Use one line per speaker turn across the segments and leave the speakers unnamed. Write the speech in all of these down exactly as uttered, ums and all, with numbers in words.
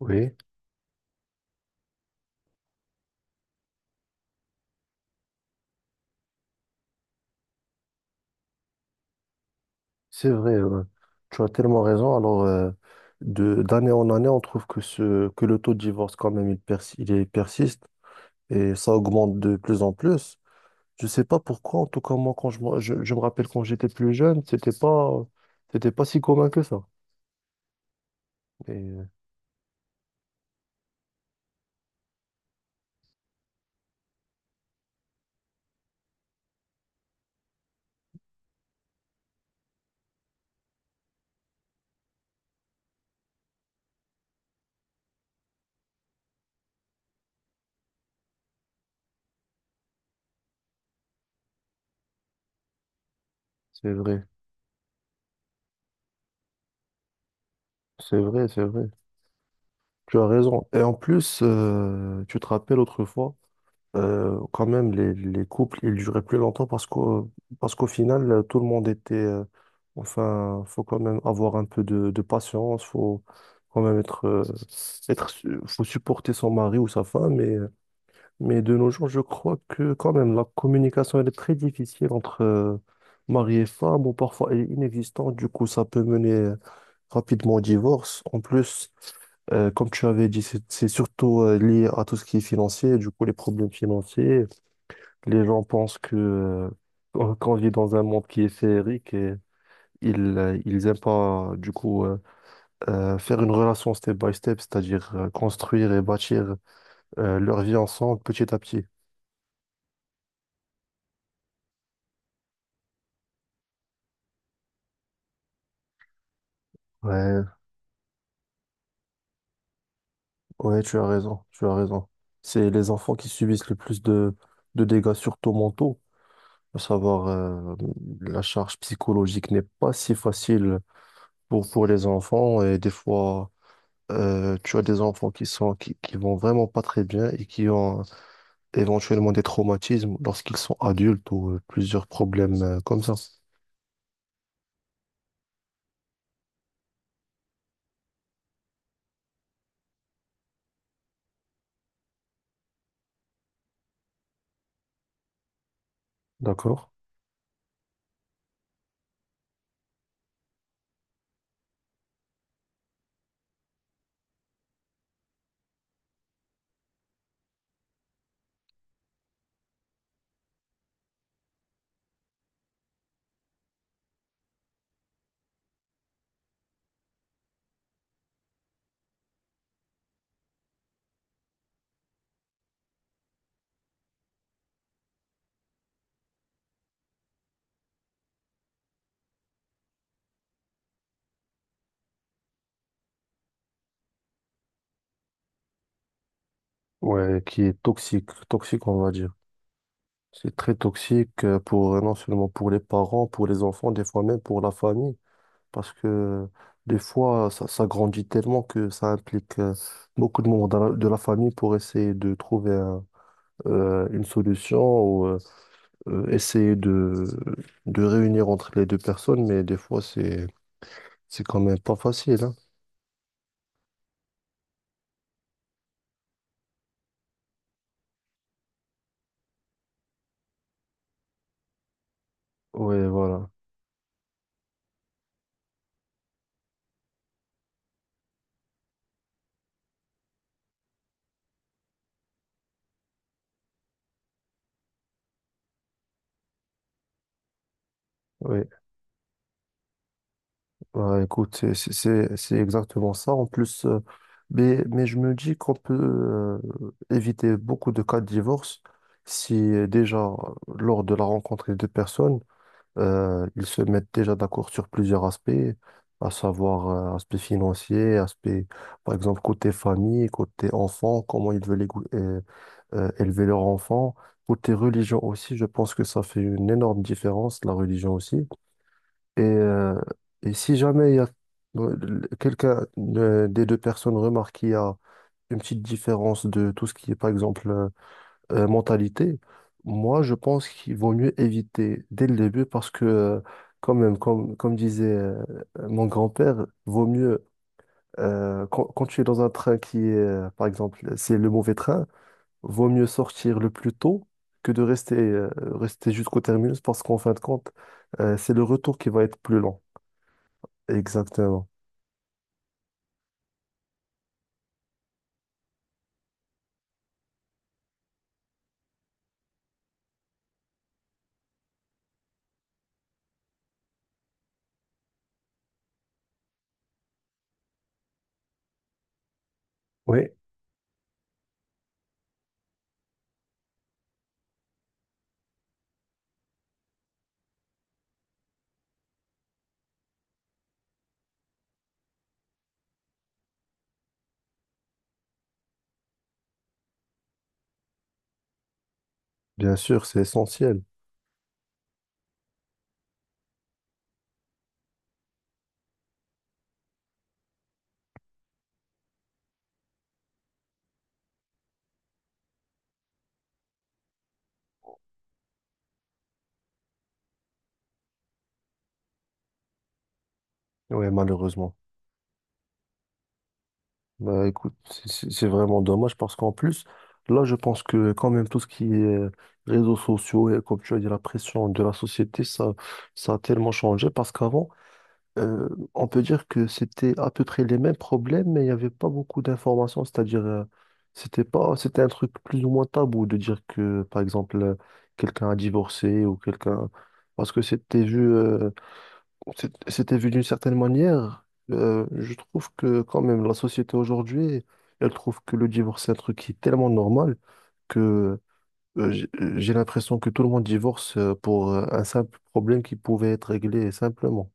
Oui, c'est vrai, euh, tu as tellement raison. Alors, euh, de, d'année en année, on trouve que, ce, que le taux de divorce, quand même, il, persi- il est- persiste et ça augmente de plus en plus. Je sais pas pourquoi, en tout cas, moi, quand je, me- je, je me rappelle quand j'étais plus jeune, c'était pas, c'était pas si commun que ça. Et euh, c'est vrai, c'est vrai, c'est vrai. Tu as raison. Et en plus, euh, tu te rappelles autrefois. Euh, quand même, les, les couples, ils duraient plus longtemps parce qu'au, parce qu'au final, euh, tout le monde était... euh, enfin, faut quand même avoir un peu de, de patience, faut quand même être... euh, être, su- faut supporter son mari ou sa femme, mais, mais de nos jours, je crois que quand même, la communication, elle est très difficile entre euh, mari et femme, ou parfois elle est inexistante, du coup, ça peut mener euh, rapidement au divorce. En plus, euh, comme tu avais dit, c'est c'est surtout euh, lié à tout ce qui est financier, du coup, les problèmes financiers. Les gens pensent que euh, qu'on qu'on vit dans un monde qui est féerique et ils euh, ils aiment pas du coup euh, euh, faire une relation step by step, c'est-à-dire euh, construire et bâtir euh, leur vie ensemble petit à petit. Ouais, ouais, tu as raison, tu as raison. C'est les enfants qui subissent le plus de de dégâts surtout mentaux, à savoir euh, la charge psychologique n'est pas si facile pour pour les enfants et des fois euh, tu as des enfants qui sont qui qui vont vraiment pas très bien et qui ont éventuellement des traumatismes lorsqu'ils sont adultes ou euh, plusieurs problèmes euh, comme ça. D'accord? Ouais, qui est toxique, toxique on va dire. C'est très toxique euh, pour euh, non seulement pour les parents, pour les enfants, des fois même pour la famille, parce que euh, des fois ça, ça grandit tellement que ça implique euh, beaucoup de membres de la, de la famille pour essayer de trouver un- euh, une solution ou euh, euh, essayer de, de réunir entre les deux personnes, mais des fois c'est c'est quand même pas facile, hein. Ouais, voilà. Oui, bah, écoute, c'est c'est- c'est- c'est exactement ça. En plus, euh, mais, mais je me dis qu'on peut euh, éviter beaucoup de cas de divorce si euh, déjà, lors de la rencontre des deux personnes, euh, ils se mettent déjà d'accord sur plusieurs aspects, à savoir euh, aspect financier, aspect, par exemple, côté famille, côté enfant, comment ils veulent égo- euh, euh, élever leur enfant. Côté religion aussi, je pense que ça fait une énorme différence, la religion aussi. Et, euh, et si jamais il y a euh, quelqu'un euh, des deux personnes remarque qu'il y a une petite différence de tout ce qui est, par exemple, euh, euh, mentalité, moi, je pense qu'il vaut mieux éviter dès le début parce que, euh, quand même, comme, comme disait euh, mon grand-père, vaut mieux, euh, quand, quand tu es dans un train qui est, euh, par exemple, c'est le mauvais train, vaut mieux sortir le plus tôt que de rester, euh, rester jusqu'au terminus parce qu'en fin de compte, euh, c'est le retour qui va être plus long. Exactement. Oui, bien sûr, c'est essentiel. Oui, malheureusement. Bah écoute, c'est c'est- c'est vraiment dommage parce qu'en plus, là, je pense que quand même tout ce qui est euh, réseaux sociaux et comme tu as dit, la pression de la société, ça, ça a tellement changé parce qu'avant, euh, on peut dire que c'était à peu près les mêmes problèmes, mais il n'y avait pas beaucoup d'informations. C'est-à-dire, euh, c'était pas, c'était un truc plus ou moins tabou de dire que, par exemple, euh, quelqu'un a divorcé ou quelqu'un. Parce que c'était vu. euh, C'est- C'était vu d'une certaine manière. Euh, je trouve que quand même la société aujourd'hui, elle trouve que le divorce c'est un truc qui est tellement normal que euh, j'ai euh, j'ai l'impression que tout le monde divorce euh, pour euh, un simple problème qui pouvait être réglé simplement.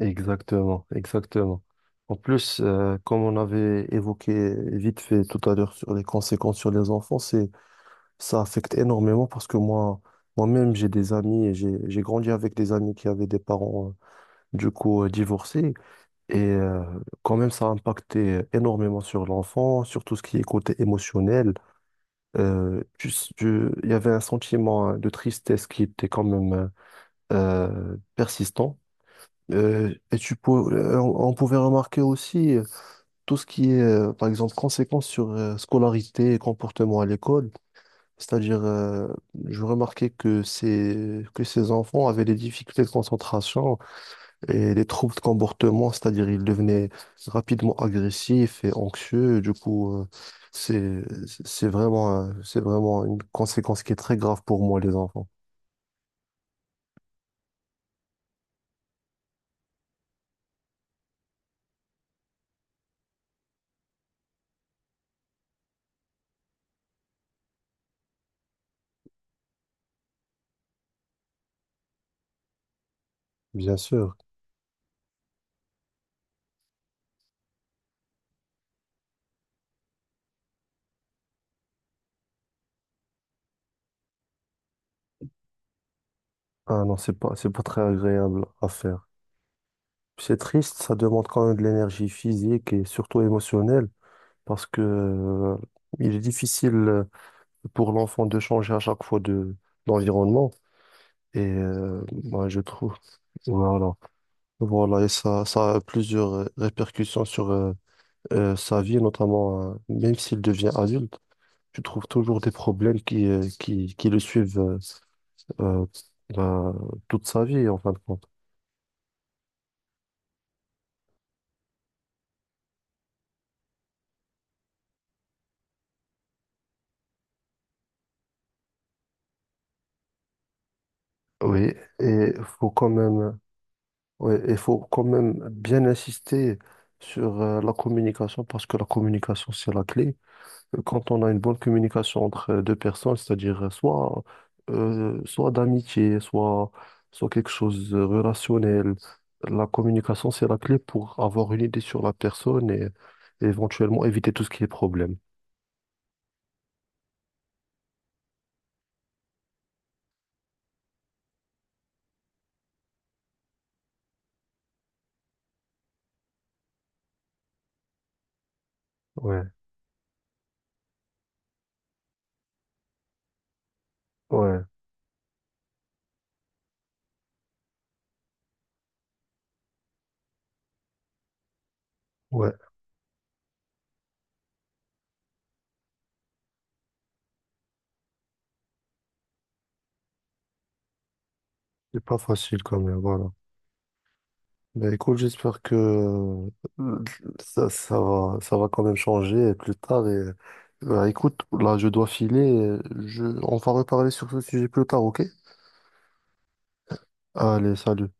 Exactement, exactement. En plus, euh, comme on avait évoqué vite fait tout à l'heure sur les conséquences sur les enfants, c'est, ça affecte énormément parce que moi, moi-même, j'ai des amis et j'ai, j'ai grandi avec des amis qui avaient des parents du coup euh, divorcé. Et euh, quand même, ça a impacté énormément sur l'enfant, sur tout ce qui est côté émotionnel. Euh, tu s- tu- il y avait un sentiment euh, de tristesse qui était quand même euh, euh, persistant. Euh, et tu pou- euh, on on pouvait remarquer aussi euh, tout ce qui est, euh, par exemple, conséquences sur euh, scolarité et comportement à l'école. C'est-à-dire, euh, je remarquais que ces, que ces enfants avaient des difficultés de concentration, et les troubles de comportement, c'est-à-dire il devenait rapidement agressif et anxieux. Du coup, euh, c'est, c'est vraiment, un- c'est vraiment une conséquence qui est très grave pour moi, les enfants. Bien sûr. Ah non, c'est pas, c'est pas très agréable à faire. C'est triste, ça demande quand même de l'énergie physique et surtout émotionnelle parce que, euh, il est difficile pour l'enfant de changer à chaque fois de d'environnement. Et euh, moi, je trouve. Voilà. Voilà. Et ça, ça a plusieurs euh, répercussions sur euh, euh, sa vie, notamment euh, même s'il devient adulte, tu trouves toujours des problèmes qui, euh, qui, qui le suivent euh, euh, bah, toute sa vie, en fin de compte. Oui, et faut quand même, ouais, et faut quand même bien insister sur euh, la communication parce que la communication, c'est la clé. Quand on a une bonne communication entre deux personnes, c'est-à-dire soit, euh, soit d'amitié, soit, soit quelque chose de relationnel, la communication, c'est la clé pour avoir une idée sur la personne et, et éventuellement éviter tout ce qui est problème. Ouais, ouais, ouais. C'est pas facile quand même, voilà. Mais écoute, j'espère que euh, ça, ça va, ça va quand même changer plus tard. Et, bah, écoute, là, je dois filer. Je, on va reparler sur ce sujet plus tard, ok? Allez, salut.